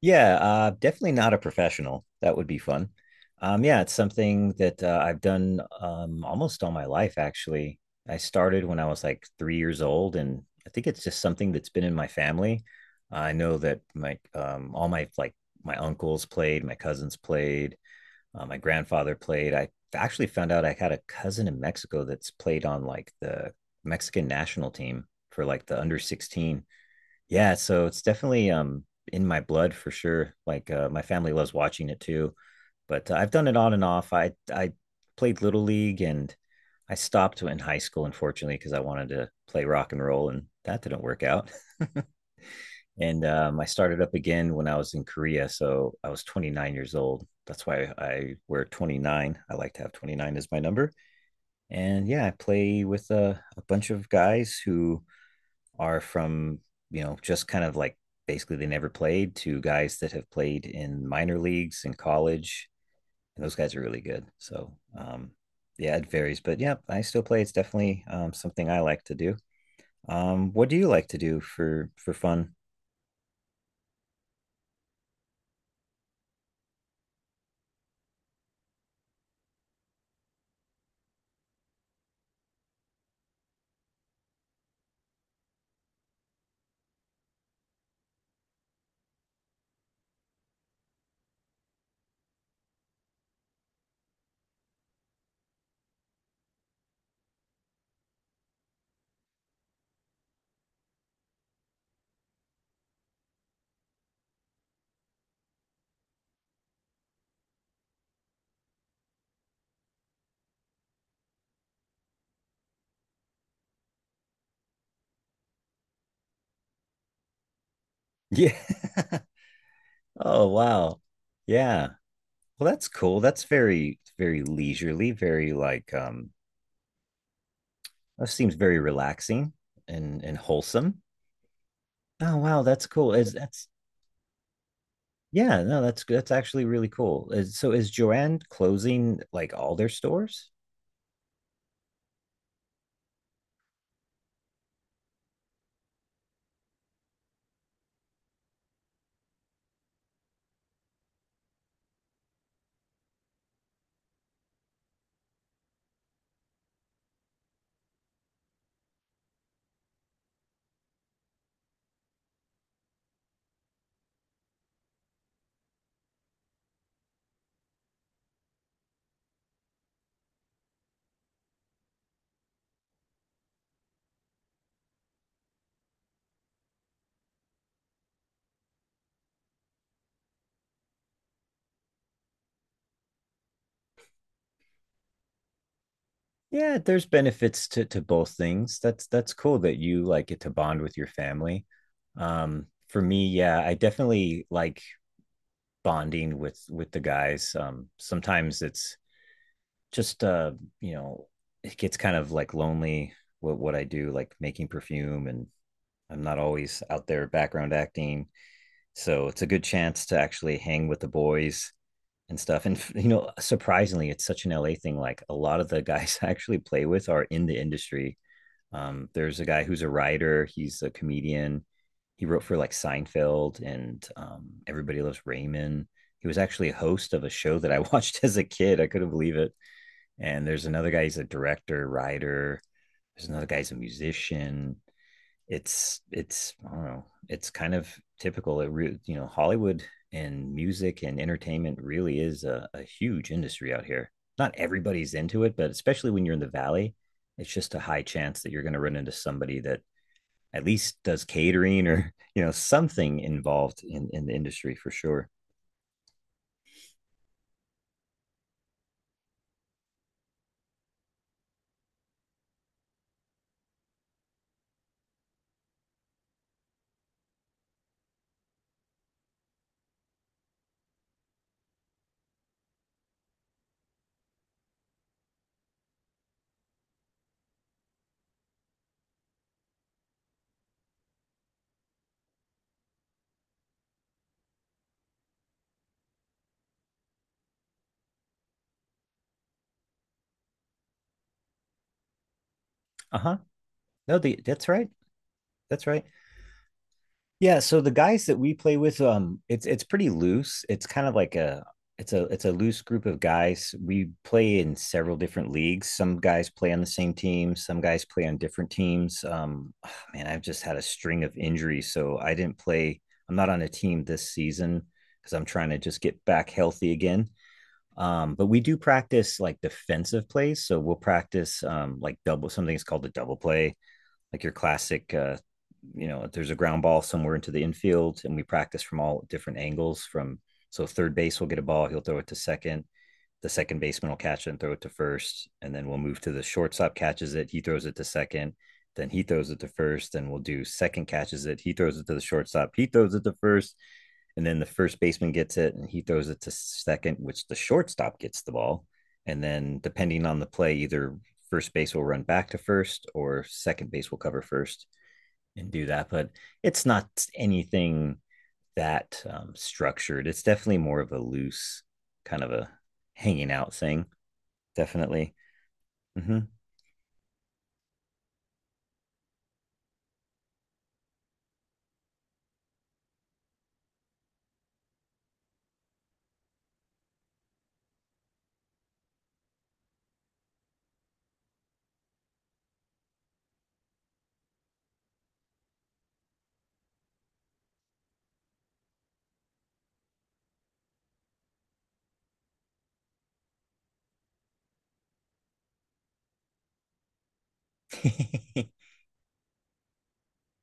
Yeah, definitely not a professional. That would be fun. Yeah, it's something that I've done almost all my life, actually. I started when I was like 3 years old, and I think it's just something that's been in my family. I know that my uncles played, my cousins played, my grandfather played. I actually found out I had a cousin in Mexico that's played on like the Mexican national team for like the under 16. Yeah, so it's definitely in my blood for sure. Like my family loves watching it too, but I've done it on and off. I played Little League, and I stopped in high school unfortunately because I wanted to play rock and roll and that didn't work out, and I started up again when I was in Korea. So I was 29 years old. That's why I wear 29. I like to have 29 as my number. And yeah, I play with a bunch of guys who are from, just kind of like basically they never played to guys that have played in minor leagues in college. And those guys are really good. So yeah, it varies. But yeah, I still play. It's definitely something I like to do. What do you like to do for fun? Yeah. Oh, wow. Yeah. Well, that's cool. That's very, very leisurely, very that seems very relaxing and wholesome. Oh, wow, that's cool. Is that's yeah, no, that's good. That's actually really cool. So is Joanne closing like all their stores? Yeah, there's benefits to both things. That's cool that you like get to bond with your family. For me, yeah, I definitely like bonding with the guys. Sometimes it's just you know it gets kind of like lonely. What I do like making perfume, and I'm not always out there background acting, so it's a good chance to actually hang with the boys and stuff. And surprisingly, it's such an LA thing. Like a lot of the guys I actually play with are in the industry. There's a guy who's a writer, he's a comedian. He wrote for like Seinfeld and Everybody Loves Raymond. He was actually a host of a show that I watched as a kid. I couldn't believe it. And there's another guy, he's a director, writer. There's another guy, he's a musician. I don't know, it's kind of typical. Hollywood and music and entertainment really is a huge industry out here. Not everybody's into it, but especially when you're in the valley, it's just a high chance that you're going to run into somebody that at least does catering or something involved in the industry for sure. Uh huh. No, that's right. That's right. Yeah, so the guys that we play with, it's pretty loose. It's kind of like a loose group of guys. We play in several different leagues. Some guys play on the same team, some guys play on different teams. Man, I've just had a string of injuries, so I didn't play. I'm not on a team this season because I'm trying to just get back healthy again. But we do practice like defensive plays, so we'll practice like double something. Something's called the double play, like your classic there's a ground ball somewhere into the infield, and we practice from all different angles. From So third base will get a ball, he'll throw it to second. The second baseman will catch it and throw it to first, and then we'll move to the shortstop catches it, he throws it to second, then he throws it to first. Then we'll do second catches it, he throws it to the shortstop, he throws it to first, and then the first baseman gets it and he throws it to second, which the shortstop gets the ball. And then depending on the play, either first base will run back to first, or second base will cover first and do that. But it's not anything that structured. It's definitely more of a loose kind of a hanging out thing. Definitely. Mm-hmm.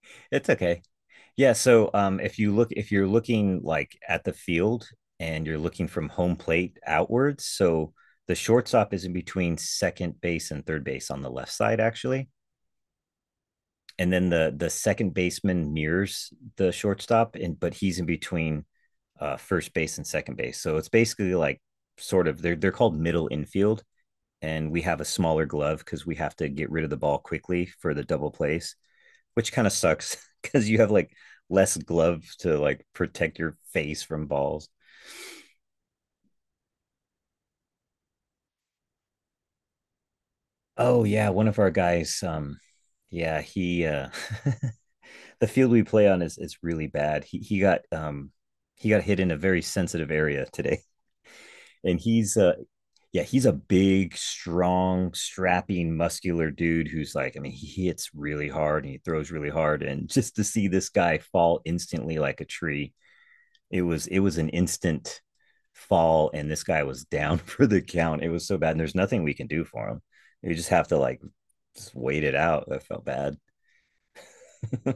It's okay. Yeah. So if you're looking like at the field and you're looking from home plate outwards, so the shortstop is in between second base and third base, on the left side, actually. And then the second baseman mirrors the shortstop, and but he's in between first base and second base. So it's basically like, sort of, they're called middle infield, and we have a smaller glove because we have to get rid of the ball quickly for the double plays, which kind of sucks because you have like less glove to like protect your face from balls. Oh yeah, one of our guys. Yeah, he the field we play on is really bad. He got hit in a very sensitive area today, and he's yeah, he's a big, strong, strapping, muscular dude who's like, I mean, he hits really hard and he throws really hard, and just to see this guy fall instantly like a tree. It was an instant fall, and this guy was down for the count. It was so bad, and there's nothing we can do for him. We just have to like just wait it out. I felt bad.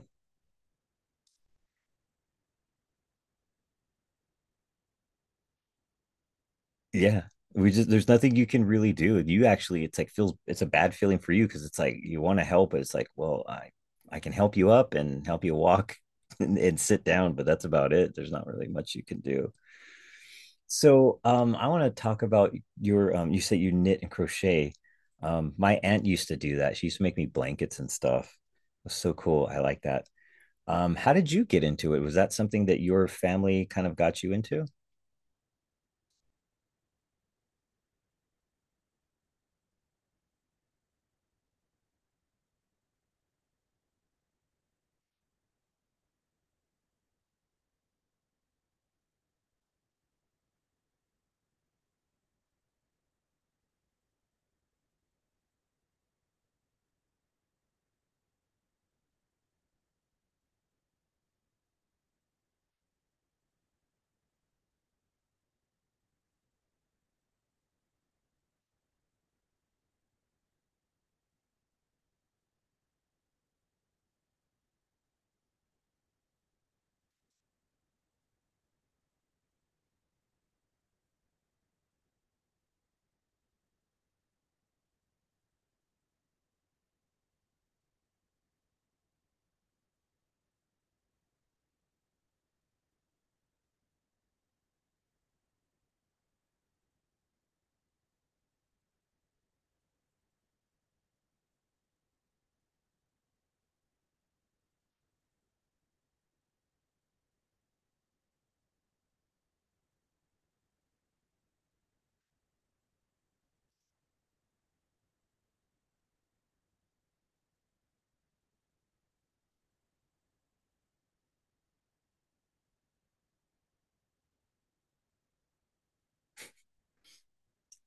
Yeah. We just there's nothing you can really do. And you actually it's like feels it's a bad feeling for you because it's like you want to help, but it's like, well, I can help you up and help you walk and sit down, but that's about it. There's not really much you can do. So I want to talk about you said you knit and crochet. My aunt used to do that. She used to make me blankets and stuff. It was so cool. I like that. How did you get into it? Was that something that your family kind of got you into?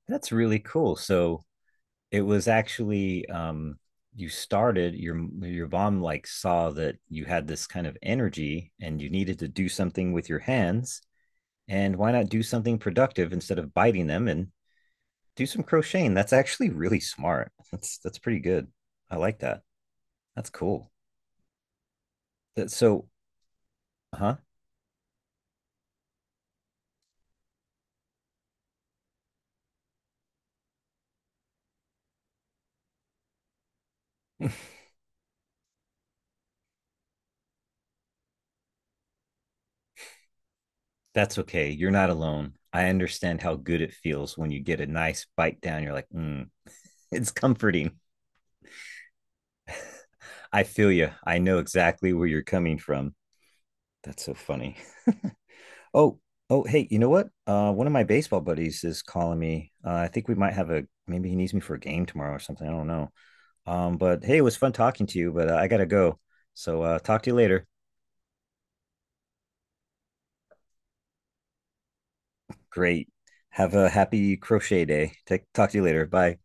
That's really cool. So it was actually you started your mom like saw that you had this kind of energy and you needed to do something with your hands, and why not do something productive instead of biting them and do some crocheting. That's actually really smart. That's pretty good. I like that. That's cool. That, so, huh. That's okay, you're not alone. I understand how good it feels when you get a nice bite down. You're like, mm, it's comforting. I feel you. I know exactly where you're coming from. That's so funny. Oh, oh, hey, you know what? One of my baseball buddies is calling me. I think we might have a maybe he needs me for a game tomorrow or something. I don't know. But hey, it was fun talking to you, but I gotta go. So talk to you later. Great. Have a happy crochet day. Talk to you later. Bye.